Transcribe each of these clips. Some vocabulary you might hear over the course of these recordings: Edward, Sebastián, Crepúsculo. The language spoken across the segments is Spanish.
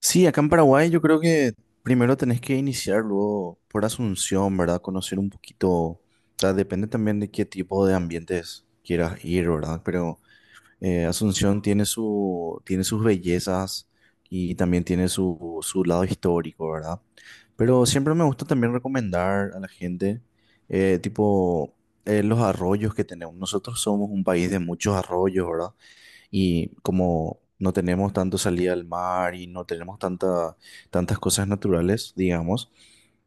Sí, acá en Paraguay yo creo que primero tenés que iniciar luego por Asunción, ¿verdad? Conocer un poquito, o sea, depende también de qué tipo de ambientes quieras ir, ¿verdad? Pero Asunción tiene tiene sus bellezas y también tiene su lado histórico, ¿verdad? Pero siempre me gusta también recomendar a la gente, eh, tipo, los arroyos que tenemos. Nosotros somos un país de muchos arroyos, ¿verdad? Y como no tenemos tanto salida al mar y no tenemos tantas cosas naturales, digamos,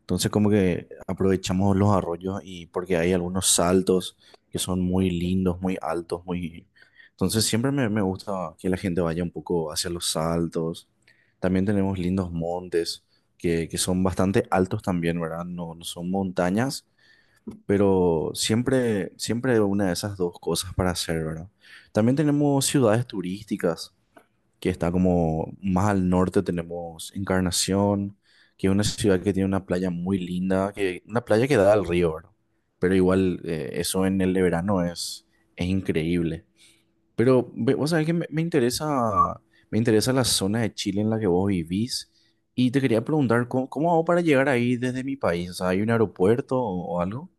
entonces como que aprovechamos los arroyos y porque hay algunos saltos que son muy lindos, muy altos, muy... Entonces siempre me gusta que la gente vaya un poco hacia los saltos. También tenemos lindos montes que son bastante altos también, ¿verdad? No, no son montañas, pero siempre hay una de esas dos cosas para hacer, ¿verdad? También tenemos ciudades turísticas, que está como más al norte tenemos Encarnación, que es una ciudad que tiene una playa muy linda, una playa que da al río, ¿verdad? Pero igual eso en el verano es increíble. Pero vos sabés que me interesa la zona de Chile en la que vos vivís y te quería preguntar, ¿cómo hago para llegar ahí desde mi país? O sea, ¿hay un aeropuerto o algo?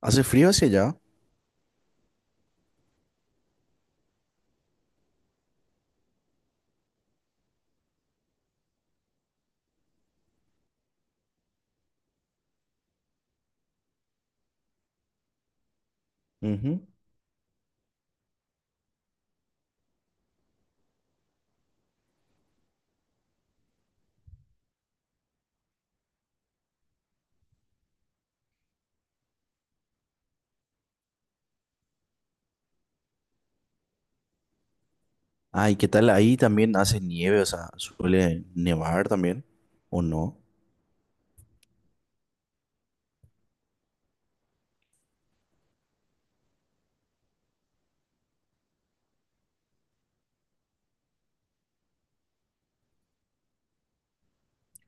¿Hace frío hacia allá? Ujú. Ay, ¿qué tal? Ahí también hace nieve, o sea, suele nevar también, ¿o no?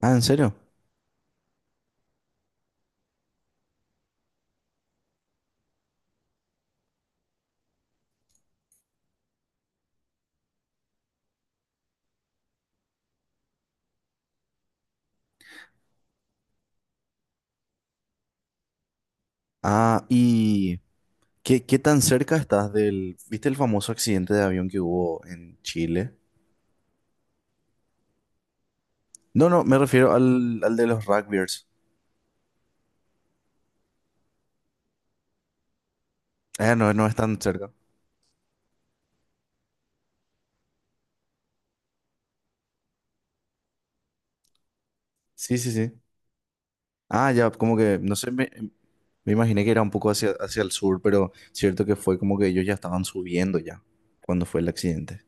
Ah, ¿en serio? Ah, ¿y qué tan cerca estás del... ¿Viste el famoso accidente de avión que hubo en Chile? No, no, me refiero al de los rugbyers. Ah, no, no es tan cerca. Sí, sí, sí. Ah, ya, como que, no sé, me imaginé que era un poco hacia el sur, pero cierto que fue como que ellos ya estaban subiendo ya cuando fue el accidente.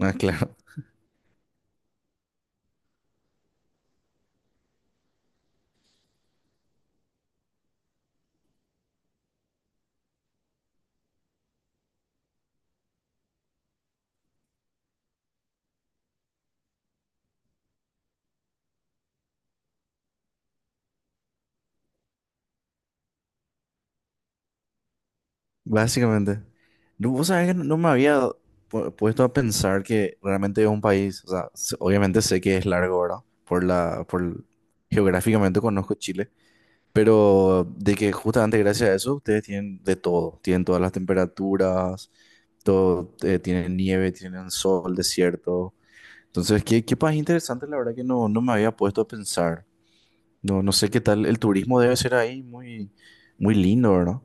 Ah, claro. Básicamente. No, vos sabés que no me había puesto a pensar que realmente es un país, o sea, obviamente sé que es largo, ¿verdad? Por geográficamente conozco Chile, pero de que justamente gracias a eso ustedes tienen de todo, tienen todas las temperaturas, todo, tienen nieve, tienen sol, desierto. Entonces, qué país interesante, la verdad que no, no me había puesto a pensar. No, no sé qué tal, el turismo debe ser ahí muy, muy lindo, ¿verdad?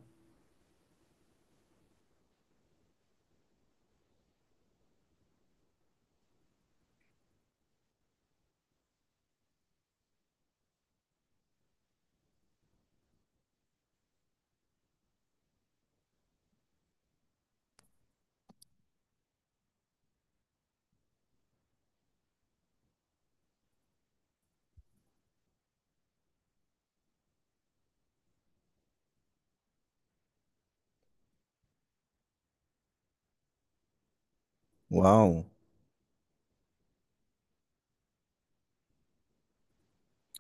Wow.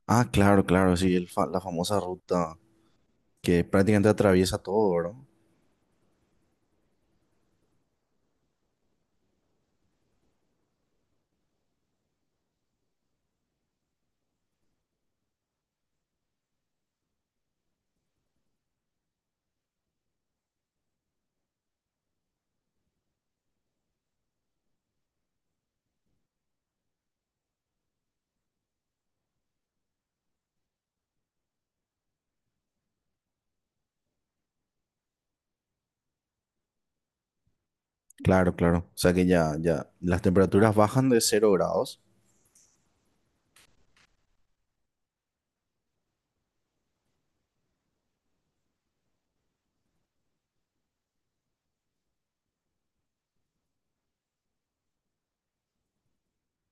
Ah, claro, claro, sí, el la famosa ruta que prácticamente atraviesa todo, ¿verdad? Claro, claro. O sea que ya, ya, las temperaturas bajan de 0 grados.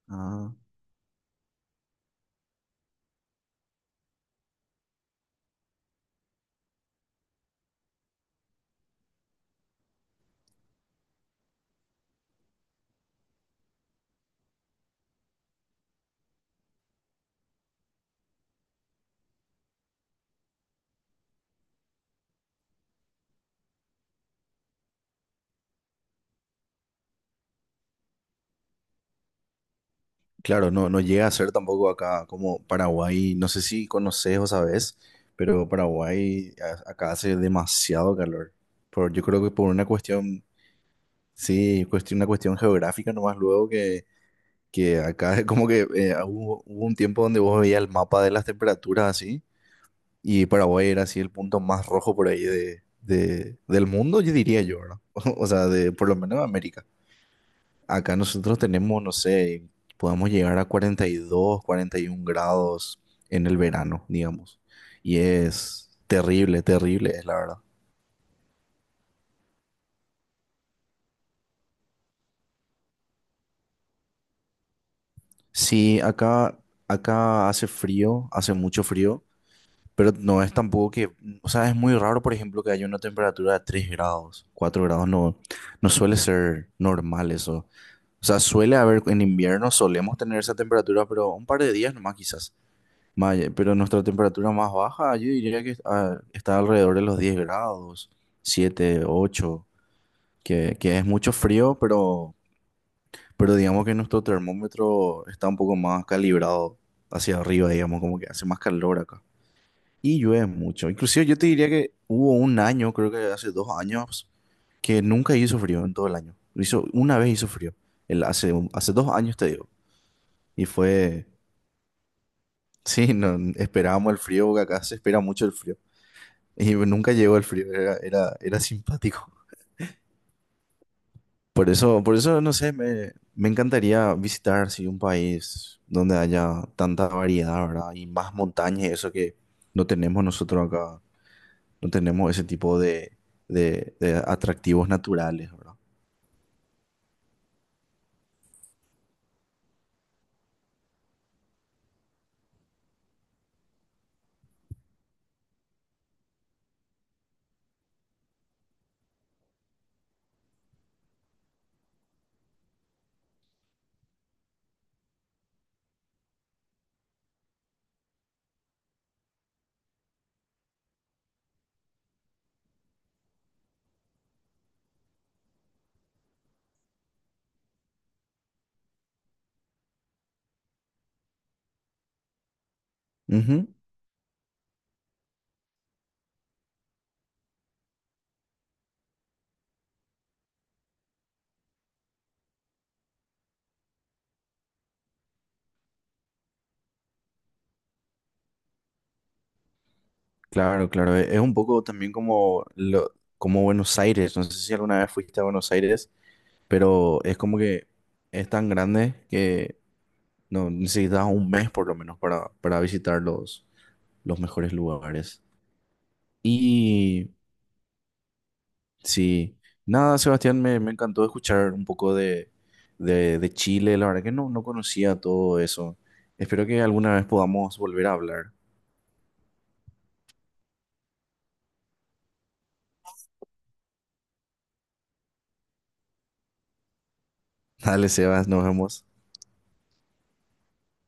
Ah. Claro, no, no llega a ser tampoco acá como Paraguay, no sé si conoces o sabes, pero Paraguay acá hace demasiado calor. Yo creo que por una cuestión, sí, una cuestión geográfica nomás luego que acá es como que hubo un tiempo donde vos veías el mapa de las temperaturas así. Y Paraguay era así el punto más rojo por ahí del mundo, yo diría yo, ¿verdad? O sea, por lo menos de América. Acá nosotros tenemos, no sé, podemos llegar a 40 42 40 y 41 grados en el verano, digamos. Y es terrible, terrible, es la verdad. Sí, acá hace frío, hace mucho frío, pero no es tampoco o sea, es muy raro, por ejemplo, que haya una temperatura de 3 grados, 4 grados, no, no suele ser normal eso. O sea, suele haber en invierno, solemos tener esa temperatura, pero un par de días nomás quizás. Pero nuestra temperatura más baja, yo diría que está alrededor de los 10 grados, 7 8 que es mucho frío, pero digamos que nuestro termómetro está un poco más calibrado hacia arriba, digamos, como que hace más calor acá. Y llueve mucho. Inclusive yo te diría que hubo un año, creo que hace 2 años, que nunca hizo frío en todo el año. Una vez hizo frío. Hace 2 años te digo. Y fue, sí, no, esperábamos el frío, porque acá se espera mucho el frío. Y nunca llegó el frío, era simpático. Por eso, no sé, me encantaría visitar, sí, un país donde haya tanta variedad, ¿verdad? Y más montañas, y eso que no tenemos nosotros acá, no tenemos ese tipo de atractivos naturales, ¿verdad? Ujú. Claro, claro, es un poco también como Buenos Aires, no sé si alguna vez fuiste a Buenos Aires pero es como que es tan grande que no necesitas un mes por lo menos para visitar los mejores lugares. Y sí, nada, Sebastián, me encantó escuchar un poco de Chile, la verdad que no, no conocía todo eso. Espero que alguna vez podamos volver a hablar. Dale, Sebas, nos vemos.